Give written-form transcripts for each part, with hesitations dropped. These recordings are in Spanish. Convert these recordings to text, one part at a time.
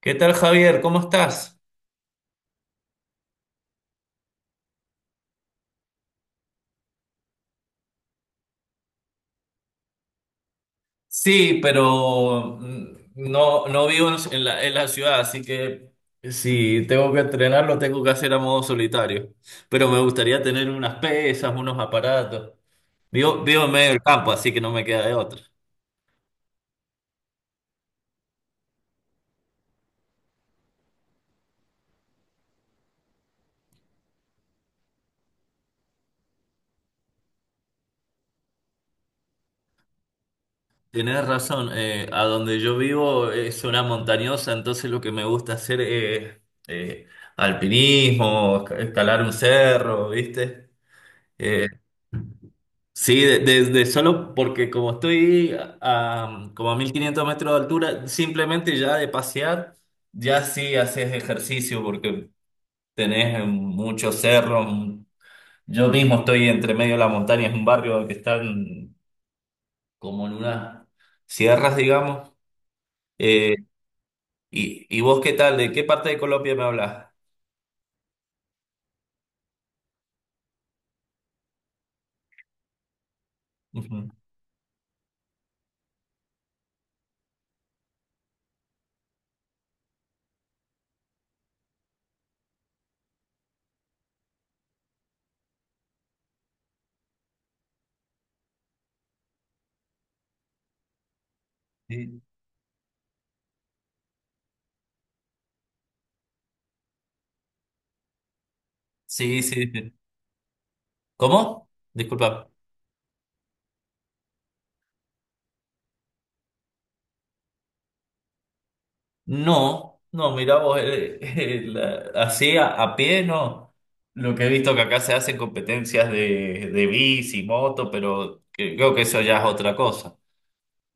¿Qué tal, Javier? ¿Cómo estás? Sí, pero no vivo en la ciudad, así que si tengo que entrenar, lo tengo que hacer a modo solitario. Pero me gustaría tener unas pesas, unos aparatos. Vivo en medio del campo, así que no me queda de otra. Tienes razón, a donde yo vivo es una montañosa, entonces lo que me gusta hacer es eh, alpinismo, escalar un cerro, ¿viste? Sí, desde solo porque como estoy como a 1.500 metros de altura, simplemente ya de pasear, ya sí haces ejercicio porque tenés muchos cerros. Yo mismo estoy entre medio de la montaña, es un barrio que está como en unas sierras, digamos. Eh, ¿Y vos qué tal? ¿De qué parte de Colombia me hablas? Ujú. Sí, sí, sí. ¿Cómo? Disculpa. No, no, mirá vos, así a pie, no. Lo que he visto que acá se hacen competencias de bici, moto, pero creo que eso ya es otra cosa.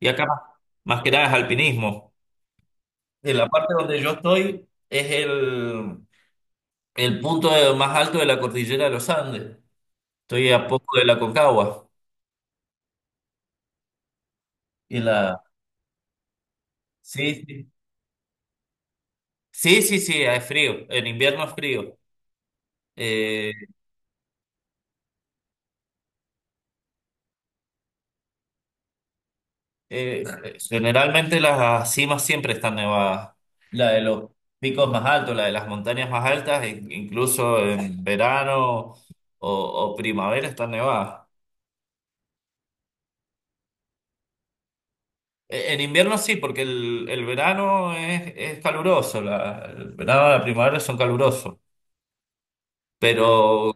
Y acá más que nada es alpinismo. En la parte donde yo estoy es el punto más alto de la cordillera de los Andes. Estoy a poco de la Concagua. Y la... Sí, sí. Sí, sí, sí, es frío. En invierno es frío. Eh, Eh, generalmente las cimas siempre están nevadas. La de los picos más altos, la de las montañas más altas, incluso en verano o primavera están nevadas. En invierno sí, porque el verano es caluroso, el verano y la primavera son calurosos. Pero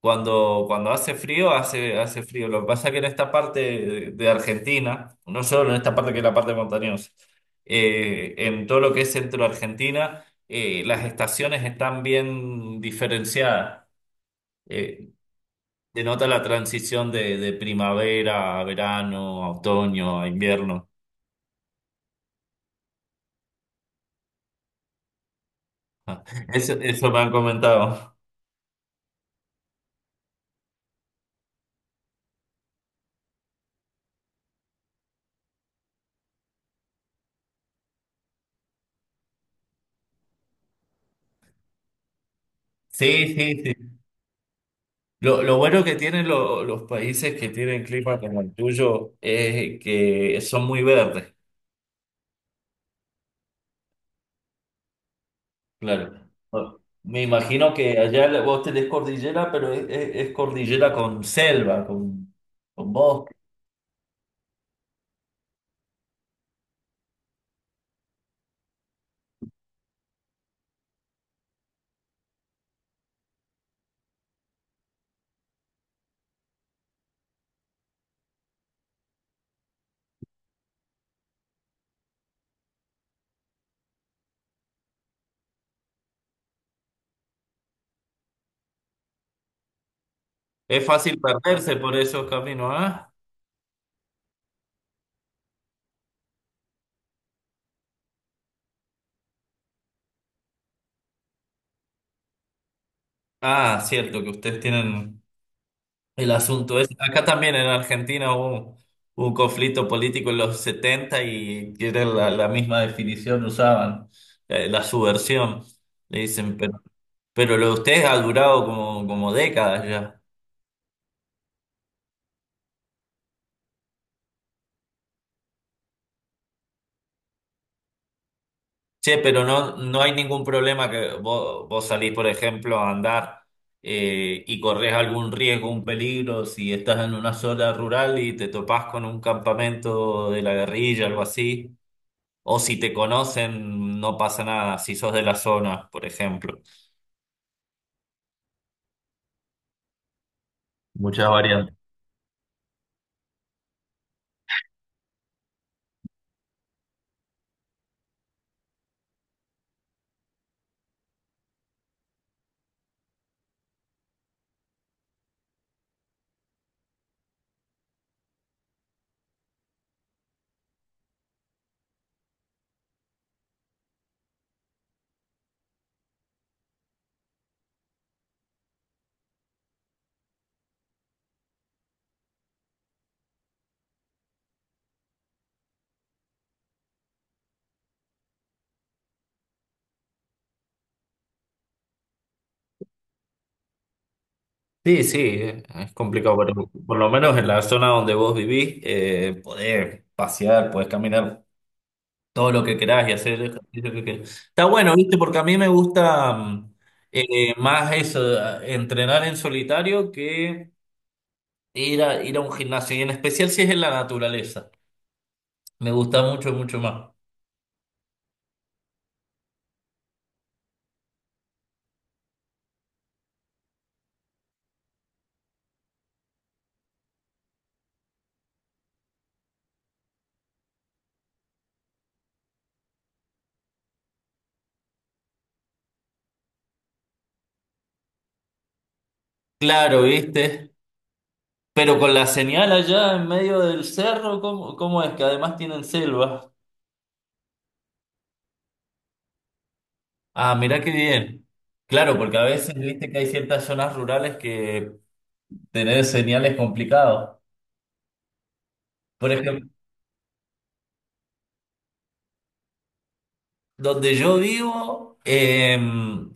cuando hace frío, hace frío. Lo que pasa es que en esta parte de Argentina, no solo en esta parte que es la parte montañosa, en todo lo que es centro de Argentina, las estaciones están bien diferenciadas. Eh, denota la transición de primavera a verano, a otoño, a invierno. Ah, eso me han comentado. Sí, sí, sí. Lo bueno que tienen los países que tienen clima como el tuyo es que son muy verdes. Claro. Bueno, me imagino que allá vos tenés cordillera, pero es cordillera con selva, con bosque. Es fácil perderse por esos caminos, ¿ah? Ah, cierto, que ustedes tienen el asunto ese. Acá también en Argentina hubo un conflicto político en los 70 y era la misma definición usaban, la subversión, le dicen, pero, lo de ustedes ha durado como décadas ya. Che, pero no hay ningún problema que vos salís, por ejemplo, a andar y corres algún riesgo, un peligro, si estás en una zona rural y te topás con un campamento de la guerrilla, algo así, o si te conocen, no pasa nada, si sos de la zona, por ejemplo. Muchas variantes. Sí, sí, es complicado, pero por lo menos en la zona donde vos vivís, podés pasear, podés caminar todo lo que querás y hacer el ejercicio que querás. Está bueno, ¿viste? Porque a mí me gusta más eso, entrenar en solitario que ir a un gimnasio, y en especial si es en la naturaleza. Me gusta mucho, mucho más. Claro, ¿viste? Pero con la señal allá en medio del cerro, ¿cómo es? Que además tienen selva. Ah, mirá qué bien. Claro, porque a veces, viste que hay ciertas zonas rurales que tener señal es complicado. Por ejemplo, donde yo vivo,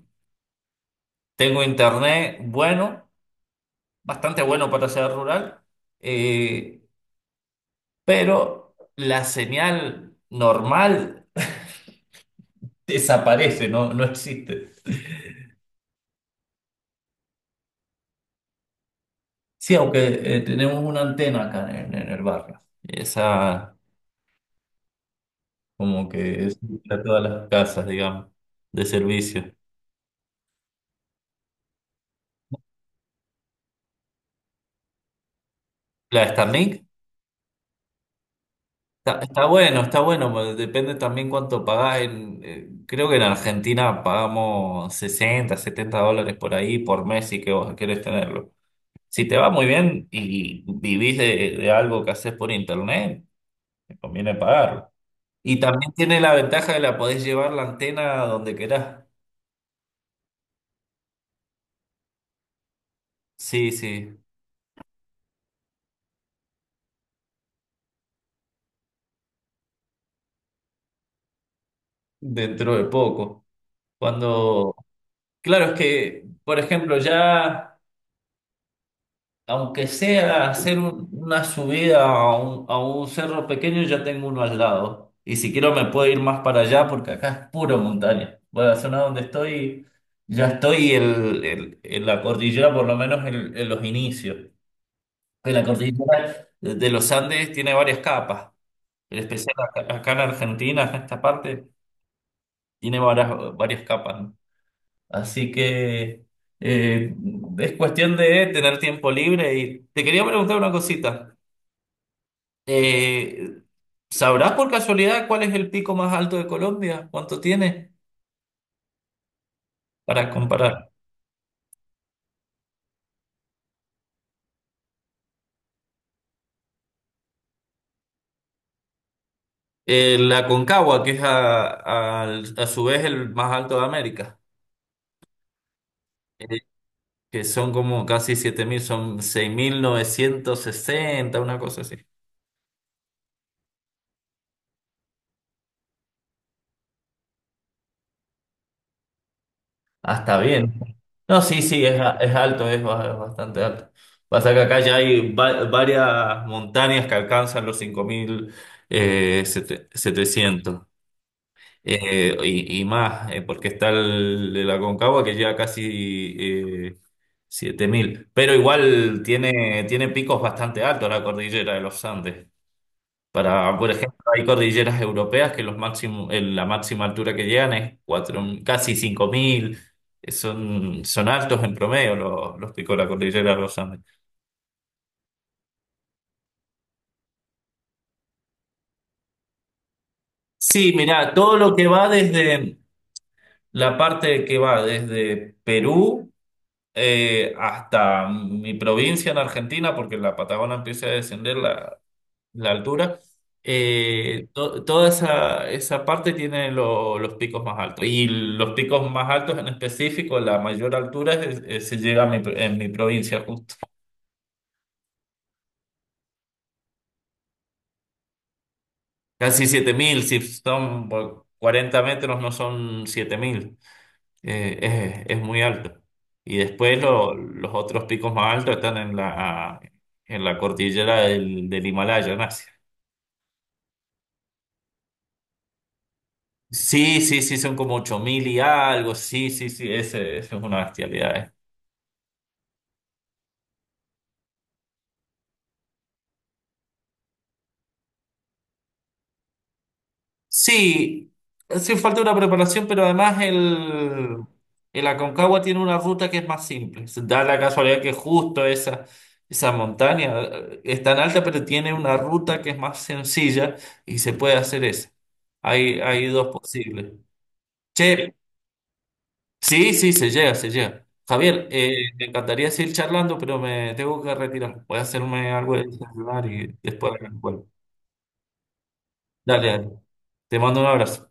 tengo internet bueno, bastante bueno para ser rural, eh, pero la señal normal desaparece, no existe. Sí, aunque tenemos una antena acá en el barrio. Esa como que es para todas las casas, digamos, de servicio. La Starlink está bueno, está bueno, pero depende también cuánto pagás. Creo que en Argentina pagamos 60, US$70 por ahí por mes si que vos querés tenerlo. Si te va muy bien y vivís de algo que haces por internet, te conviene pagarlo. Y también tiene la ventaja de la podés llevar la antena a donde querás. Sí, sí, dentro de poco. Cuando, claro, es que, por ejemplo, ya. Aunque sea hacer una subida a un cerro pequeño, ya tengo uno al lado. Y si quiero me puedo ir más para allá porque acá es puro montaña. Bueno, la zona donde estoy, ya estoy en la cordillera, por lo menos en los inicios. En la cordillera de los Andes tiene varias capas. En especial acá en Argentina, en esta parte, tiene varias, varias capas, ¿no? Así que eh, es cuestión de tener tiempo libre. Y te quería preguntar una cosita. Eh, ¿Sabrás por casualidad cuál es el pico más alto de Colombia? ¿Cuánto tiene? Para comparar. La Concagua, que es a su vez el más alto de América, eh, que son como casi 7.000, son 6.960, una cosa así. Hasta bien. No, sí, sí, es alto, es bastante alto. Pasa que acá ya hay varias montañas que alcanzan los 5.700. Y más, porque está el Aconcagua que llega casi 7.000. Pero igual tiene picos bastante altos la cordillera de los Andes. Por ejemplo, hay cordilleras europeas que los máximo, la máxima altura que llegan es cuatro casi 5.000. Son altos en promedio los picos de la cordillera de los Andes. Sí, mirá, todo lo que va desde la parte que va desde Perú. Hasta mi provincia en Argentina, porque la Patagonia empieza a descender la altura, toda esa parte tiene los picos más altos. Y los picos más altos en específico, la mayor altura se llega a en mi provincia justo. Casi 7.000 si son por 40 metros, no son 7.000. Es muy alto. Y después los otros picos más altos están en la cordillera del Himalaya, ¿no? Sí, sí, sí, son como 8.000 y algo. Sí, sí, sí, ese es una bestialidad. Sí, sí falta una preparación, pero además el Aconcagua tiene una ruta que es más simple. Se da la casualidad que justo esa montaña es tan alta, pero tiene una ruta que es más sencilla y se puede hacer esa. Hay dos posibles. Che, sí, sí, se llega, se llega. Javier, me encantaría seguir charlando, pero me tengo que retirar. Voy a hacerme algo de desayunar y después vuelvo. Dale, dale. Te mando un abrazo.